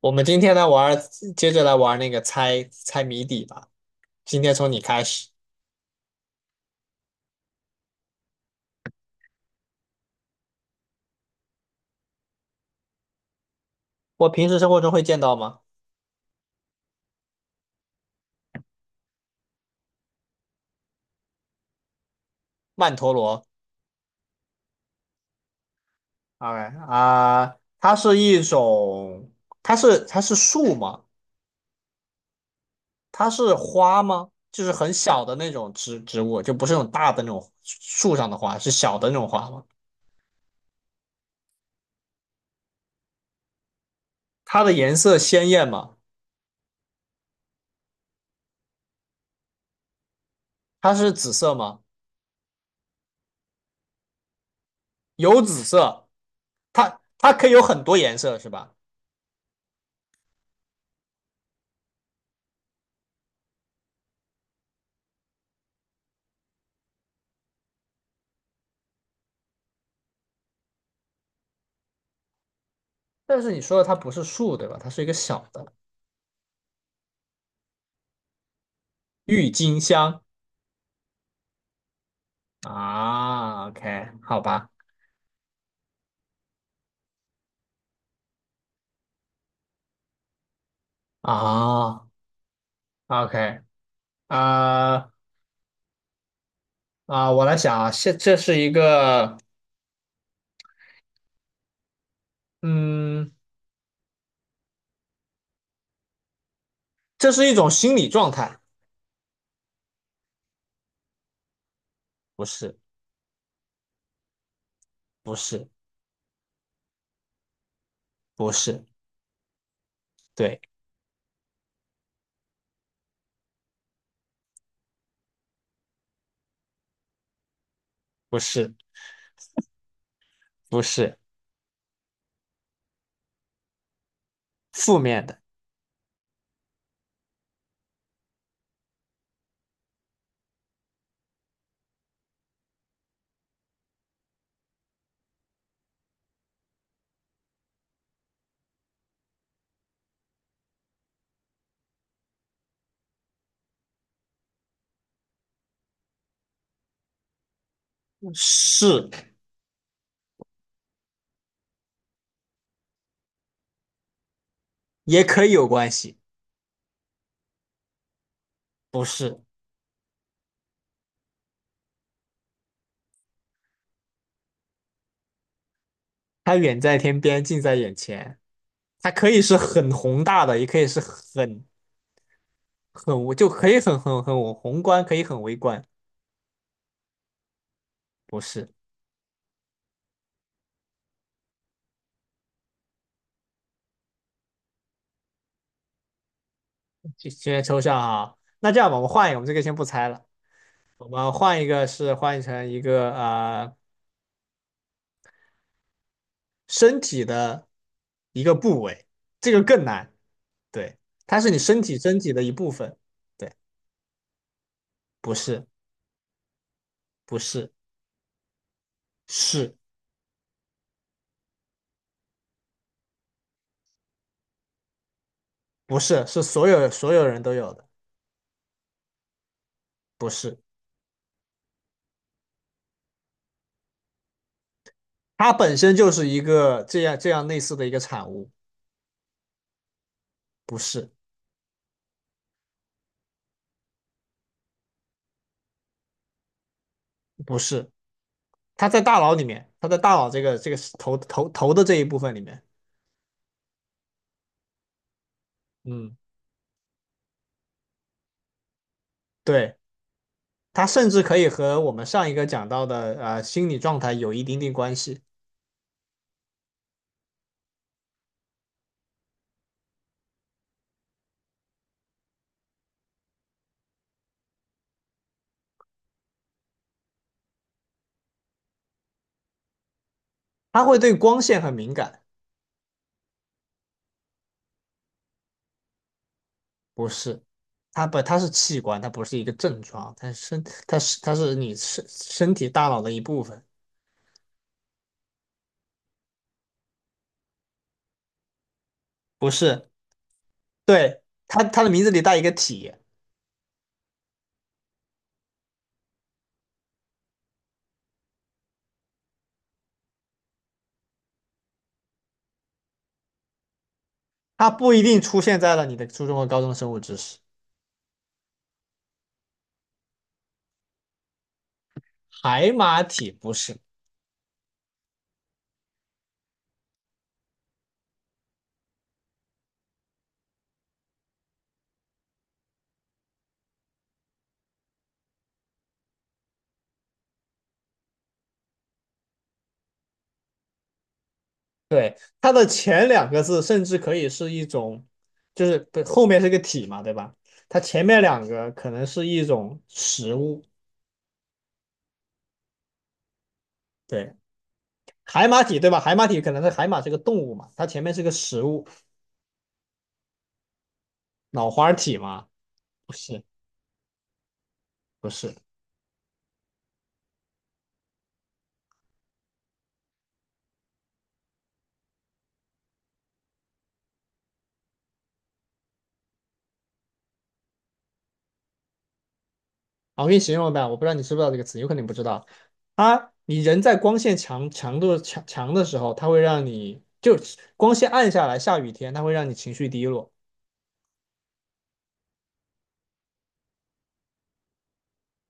我们今天来玩儿，接着来玩儿那个猜猜谜底吧。今天从你开始。我平时生活中会见到吗？曼陀罗。o 啊，它是一种，它是树吗？它是花吗？就是很小的那种植物，就不是那种大的那种树上的花，是小的那种花吗？它的颜色鲜艳吗？它是紫色吗？有紫色，它可以有很多颜色是吧？但是你说的它不是树对吧？它是一个小的郁金香。啊，OK,好吧，啊，OK,啊啊，我来想啊，现这是一个，嗯，这是一种心理状态，不是，不是，不是，对，不是，不是，负面的，是，也可以有关系，不是，它远在天边，近在眼前，它可以是很宏大的，也可以是很很，我就可以很宏观，可以很微观，不是。有点抽象啊。那这样吧，我们换一个，我们这个先不猜了，我们换一个是换成一个身体的一个部位，这个更难。对，它是你身体的一部分。对，不是，不是，是，不是，是所有人都有的，不是。它本身就是一个这样类似的一个产物，不是，不是。它在大脑里面，它在大脑这个这个头的这一部分里面。嗯，对。它甚至可以和我们上一个讲到的心理状态有一点点关系。它会对光线很敏感，不是？它不，它是器官，它不是一个症状，它是身，它是你身体大脑的一部分，不是？对，它的名字里带一个体，它不一定出现在了你的初中和高中生物知识。海马体不是，对，它的前两个字甚至可以是一种，就是不后面是个体嘛，对吧？它前面两个可能是一种食物，对，海马体，对吧？海马体可能是海马是个动物嘛，它前面是个食物，脑花体嘛，不是，不是。啊我给你形容吧，我不知道你知不知道这个词，有可能你不知道。它，你人在光线强度强的时候，它会让你就光线暗下来，下雨天，它会让你情绪低落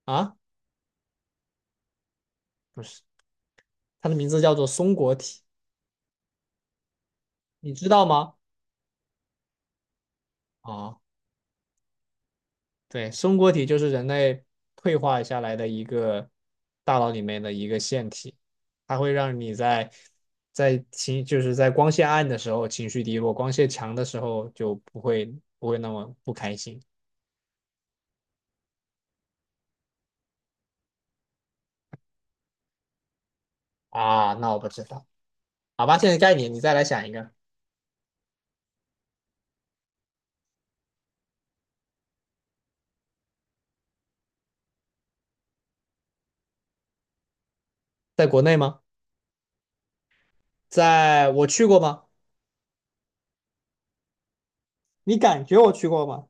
啊，不是，它的名字叫做松果体，你知道吗？哦，对，松果体就是人类退化下来的一个大脑里面的一个腺体，它会让你在在情就是在光线暗的时候情绪低落，光线强的时候就不会不会那么不开心啊。那我不知道，好吧，现在该你，你再来想一个，在国内吗？在我去过吗？你感觉我去过吗？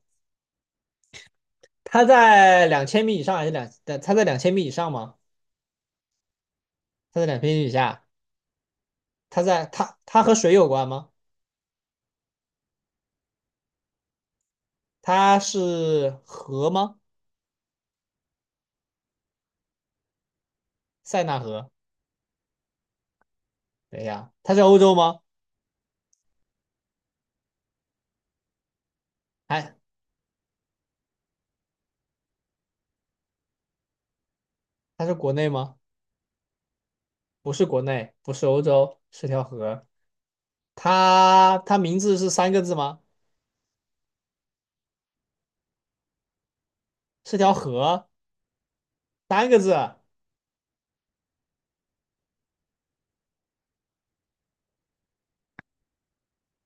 它在两千米以上还是两？它在两千米以上吗？它在两千米以下？它在它和水有关吗？它是河吗？塞纳河？等一下，它是欧洲吗？哎，它是国内吗？不是国内，不是欧洲，是条河。它名字是三个字吗？是条河，三个字。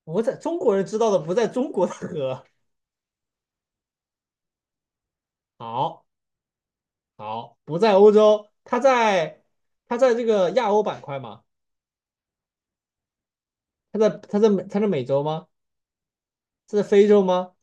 我在中国人知道的不在中国的河。好，好，不在欧洲，它在它在这个亚欧板块吗？它在它在美它在美洲吗？它在非洲吗？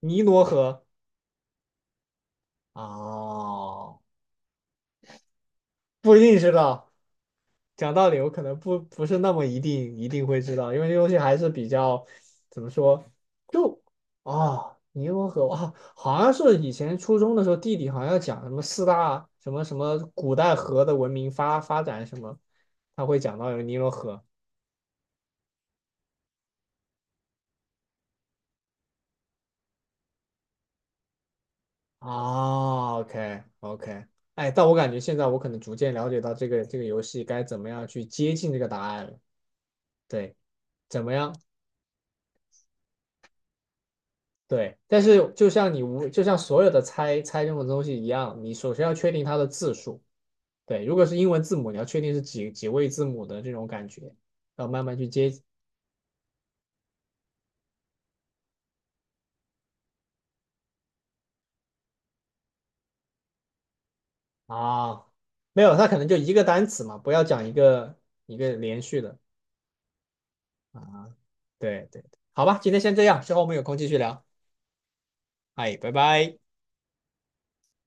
尼罗河。哦，不一定知道。讲道理，我可能不是那么一定会知道，因为这东西还是比较怎么说，就啊，尼罗河啊，好像是以前初中的时候，地理好像讲什么四大什么什么古代河的文明发展什么，他会讲到有尼罗河啊，OK OK,哎，但我感觉现在我可能逐渐了解到这个这个游戏该怎么样去接近这个答案了，对，怎么样？对，但是就像你无，就像所有的猜猜任何东西一样，你首先要确定它的字数。对，如果是英文字母，你要确定是几位字母的这种感觉，要慢慢去接啊。没有，它可能就一个单词嘛，不要讲一个连续的。对对，好吧，今天先这样，之后我们有空继续聊。哎，拜拜。